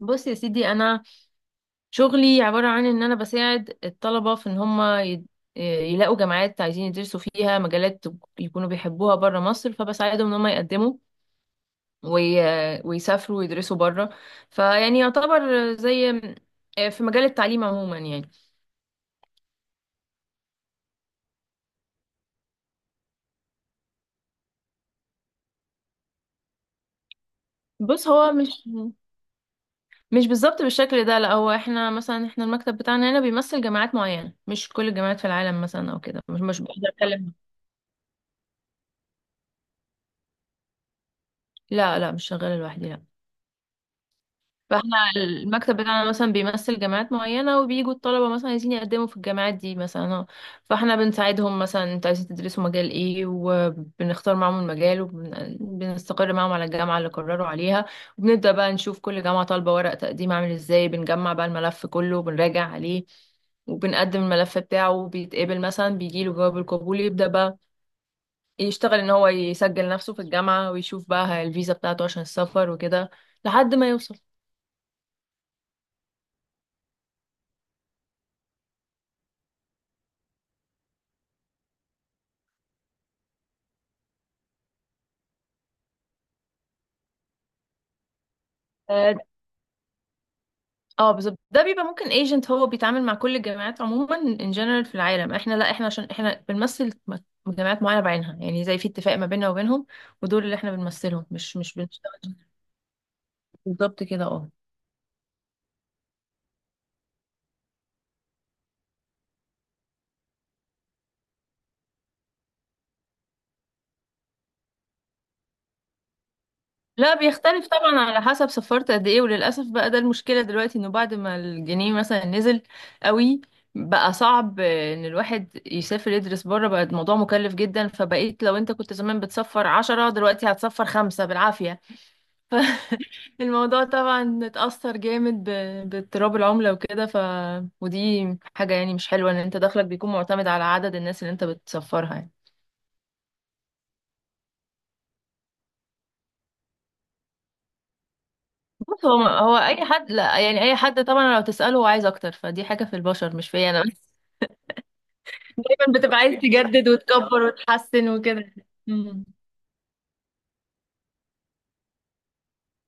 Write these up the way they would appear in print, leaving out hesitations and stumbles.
بص يا سيدي، انا شغلي عباره عن ان انا بساعد الطلبه في ان هم يلاقوا جامعات عايزين يدرسوا فيها مجالات يكونوا بيحبوها بره مصر، فبساعدهم ان هم يقدموا وي... ويسافروا ويدرسوا بره. فيعني يعتبر زي، في مجال التعليم عموما يعني. بص هو مش بالظبط بالشكل ده، لا. هو احنا مثلا، احنا المكتب بتاعنا هنا بيمثل جامعات معينه، مش كل الجامعات في العالم مثلا او كده. مش بقدر اتكلم. لا لا، مش شغاله لوحدي، لا. فاحنا المكتب بتاعنا مثلا بيمثل جامعات معينة، وبيجوا الطلبة مثلا عايزين يقدموا في الجامعات دي مثلا، اه. فاحنا بنساعدهم مثلا، انتوا عايزين تدرسوا مجال ايه، وبنختار معاهم المجال وبنستقر معاهم على الجامعة اللي قرروا عليها. وبنبدأ بقى نشوف كل جامعة طالبة ورق تقديم عامل ازاي، بنجمع بقى الملف كله وبنراجع عليه وبنقدم الملف بتاعه، وبيتقبل مثلا بيجيله جواب القبول يبدأ بقى يشتغل ان هو يسجل نفسه في الجامعة، ويشوف بقى الفيزا بتاعته عشان السفر وكده لحد ما يوصل. اه بالظبط، ده بيبقى ممكن ايجنت، هو بيتعامل مع كل الجامعات عموما ان جنرال في العالم. احنا لا، احنا عشان احنا بنمثل جامعات معينه بعينها، يعني زي في اتفاق ما بيننا وبينهم. ودول اللي احنا بنمثلهم، مش بنشتغل. بالظبط كده، اه. لا، بيختلف طبعا على حسب سفرت قد ايه. وللاسف بقى ده المشكله دلوقتي، انه بعد ما الجنيه مثلا نزل قوي، بقى صعب ان الواحد يسافر يدرس بره. بقى الموضوع مكلف جدا، فبقيت لو انت كنت زمان بتسفر 10 دلوقتي هتسفر خمسة بالعافية. الموضوع طبعا اتأثر جامد باضطراب العملة وكده. ودي حاجة يعني مش حلوة، ان انت دخلك بيكون معتمد على عدد الناس اللي انت بتسفرها يعني. بص هو اي حد، لا يعني اي حد طبعا لو تسأله هو عايز اكتر، فدي حاجة في البشر مش فيا انا بس. دايما بتبقى عايز تجدد وتكبر وتحسن وكده. مم.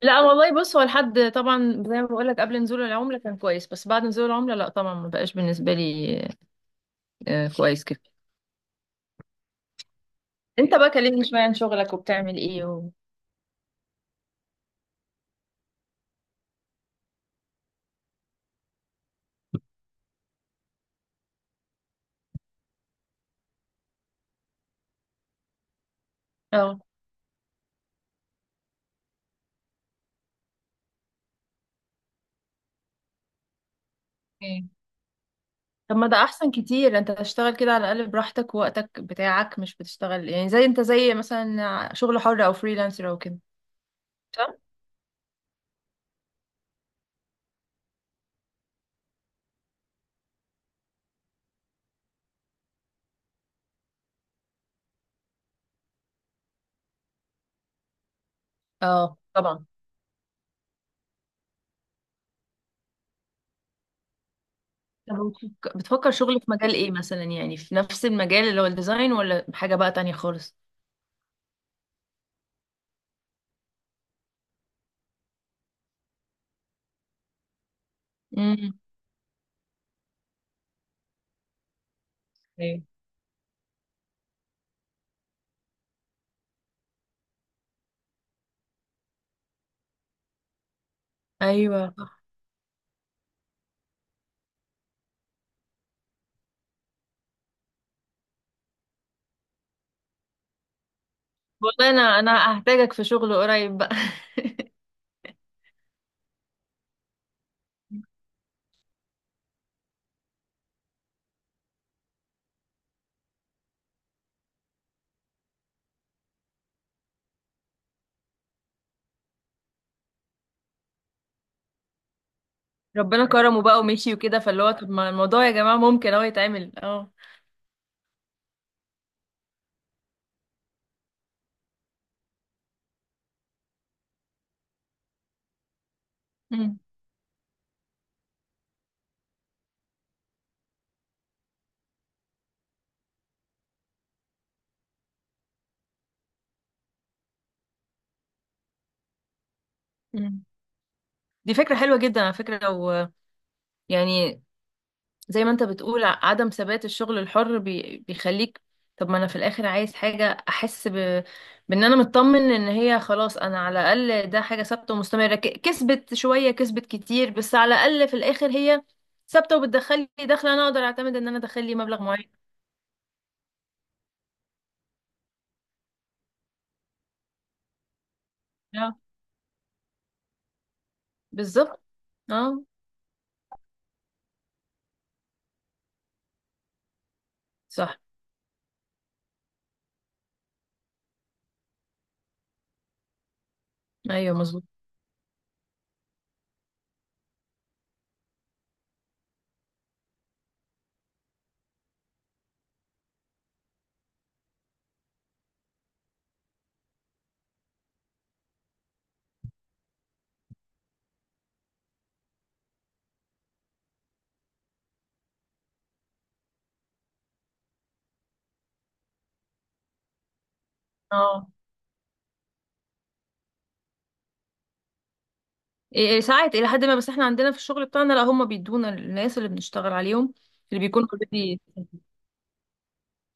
لا والله، بص هو لحد طبعا زي ما بقول لك قبل نزول العملة كان كويس، بس بعد نزول العملة لا طبعا، ما بقاش بالنسبة لي. آه، كويس كده. انت بقى كلمني شوية عن شغلك وبتعمل ايه اه. طب ما ده احسن كتير، انت تشتغل كده على الاقل براحتك ووقتك بتاعك، مش بتشتغل يعني زي، انت زي مثلا شغل حر او فريلانسر او كده. صح. اه طبعا. طب بتفكر شغل في مجال ايه مثلا؟ يعني في نفس المجال اللي هو الديزاين، ولا حاجة بقى تانية خالص؟ امم. ايوه. ايوه صح. والله انا هحتاجك في شغل قريب بقى. ربنا كرمه بقى ومشي وكده، فاللي هو طب ما الموضوع يا جماعة ممكن اهو يتعمل، اه. أمم، أمم. دي فكرة حلوة جدا على فكرة. لو يعني زي ما انت بتقول، عدم ثبات الشغل الحر بيخليك، طب ما انا في الاخر عايز حاجة احس بان انا مطمن، ان هي خلاص انا على الاقل ده حاجة ثابتة ومستمرة. كسبت شوية كسبت كتير، بس على الاقل في الاخر هي ثابتة وبتدخل لي دخل، انا اقدر اعتمد ان انا ادخل لي مبلغ معين. آه، بالظبط. اه. صح. ايوه مظبوط. اه. إيه- إيه، ساعات الى حد ما. بس احنا عندنا في الشغل بتاعنا لا، هم بيدونا الناس اللي بنشتغل عليهم، اللي بيكونوا اوريدي.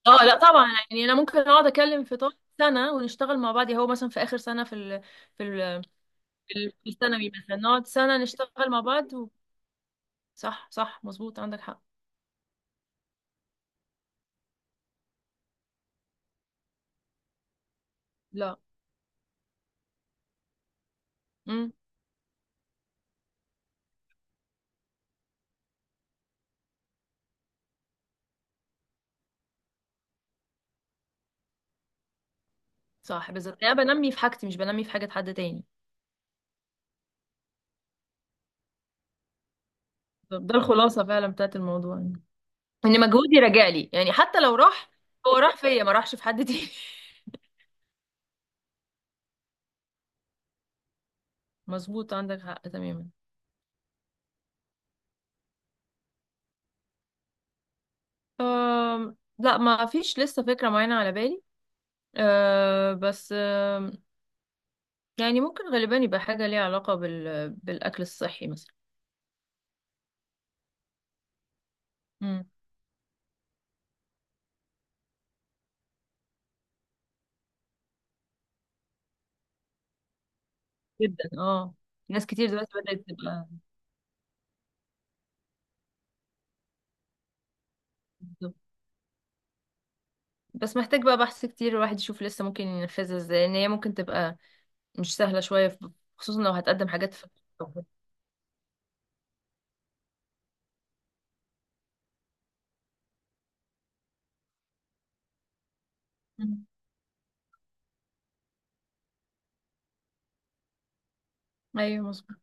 اه لا طبعا، يعني انا ممكن اقعد اكلم في طول سنه ونشتغل مع بعض، يعني هو مثلا في اخر سنه في ال... في الثانوي مثلا، نقعد سنه نشتغل مع بعض صح صح مظبوط عندك حق. لا. امم. صح بالظبط، يعني انا بنمي في حاجتي مش بنمي في حاجه حد تاني. طب ده الخلاصه فعلا بتاعت الموضوع، يعني ان مجهودي راجع لي، يعني حتى لو راح هو راح فيا ما راحش في حد تاني. مظبوط عندك حق تماما. لا، ما فيش لسه فكره معينه على بالي، أه بس. يعني ممكن غالبا يبقى حاجة ليها علاقة بالأكل الصحي مثلا. امم. جدا اه. ناس كتير دلوقتي بدأت تبقى بالظبط. بس محتاج بقى بحث كتير، الواحد يشوف لسه ممكن ينفذها ازاي، لأن هي ممكن تبقى مش سهلة شوية خصوصا لو هتقدم حاجات في... أمم. ايوه مظبوط.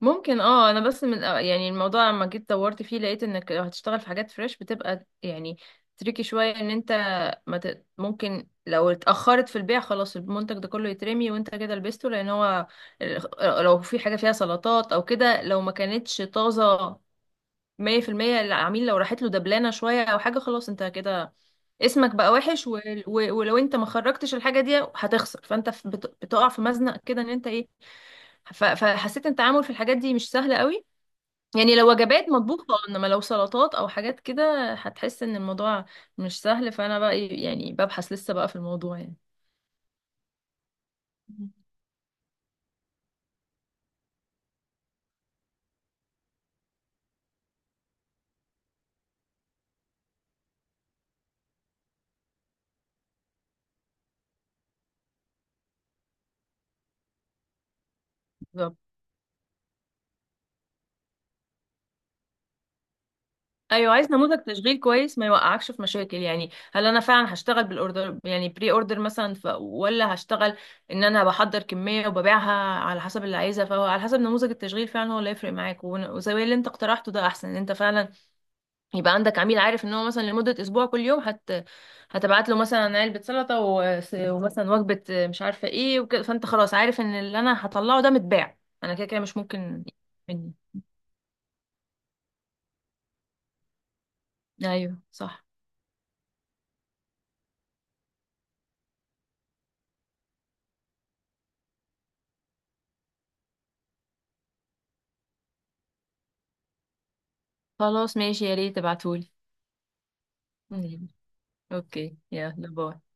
ممكن اه. انا بس من يعني الموضوع لما جيت دورت فيه لقيت انك لو هتشتغل في حاجات فريش بتبقى يعني تريكي شوية، ان انت ما ت... ممكن لو اتأخرت في البيع خلاص المنتج ده كله يترمي، وانت كده لبسته، لان هو لو في حاجة فيها سلطات او كده، لو ما كانتش طازة 100%، العميل لو راحت له دبلانة شوية او حاجة خلاص انت كده اسمك بقى وحش ولو انت ما خرجتش الحاجة دي هتخسر، فانت بتقع في مزنق كده، ان انت ايه، فحسيت ان التعامل في الحاجات دي مش سهل قوي. يعني لو وجبات مطبوخة، انما لو سلطات او حاجات كده هتحس ان الموضوع مش سهل. فانا بقى يعني ببحث لسه بقى في الموضوع يعني. مم. بالظبط. ايوه عايز نموذج تشغيل كويس ما يوقعكش في مشاكل. يعني هل انا فعلا هشتغل بالاوردر، يعني بري اوردر مثلا، ولا هشتغل ان انا بحضر كميه وببيعها على حسب اللي عايزها؟ فهو على حسب نموذج التشغيل فعلا، هو اللي هيفرق معاك. وزي اللي انت اقترحته ده احسن، ان انت فعلا يبقى عندك عميل عارف ان هو مثلا لمدة اسبوع كل يوم هتبعت له مثلا علبة سلطة ومثلا وجبة مش عارفة ايه وكده، فانت خلاص عارف ان اللي انا هطلعه ده متباع، انا كده كده مش ممكن مني. ايوه صح. خلاص ماشي، يا ريت تبعتهولي. مم. اوكي، يلا باي.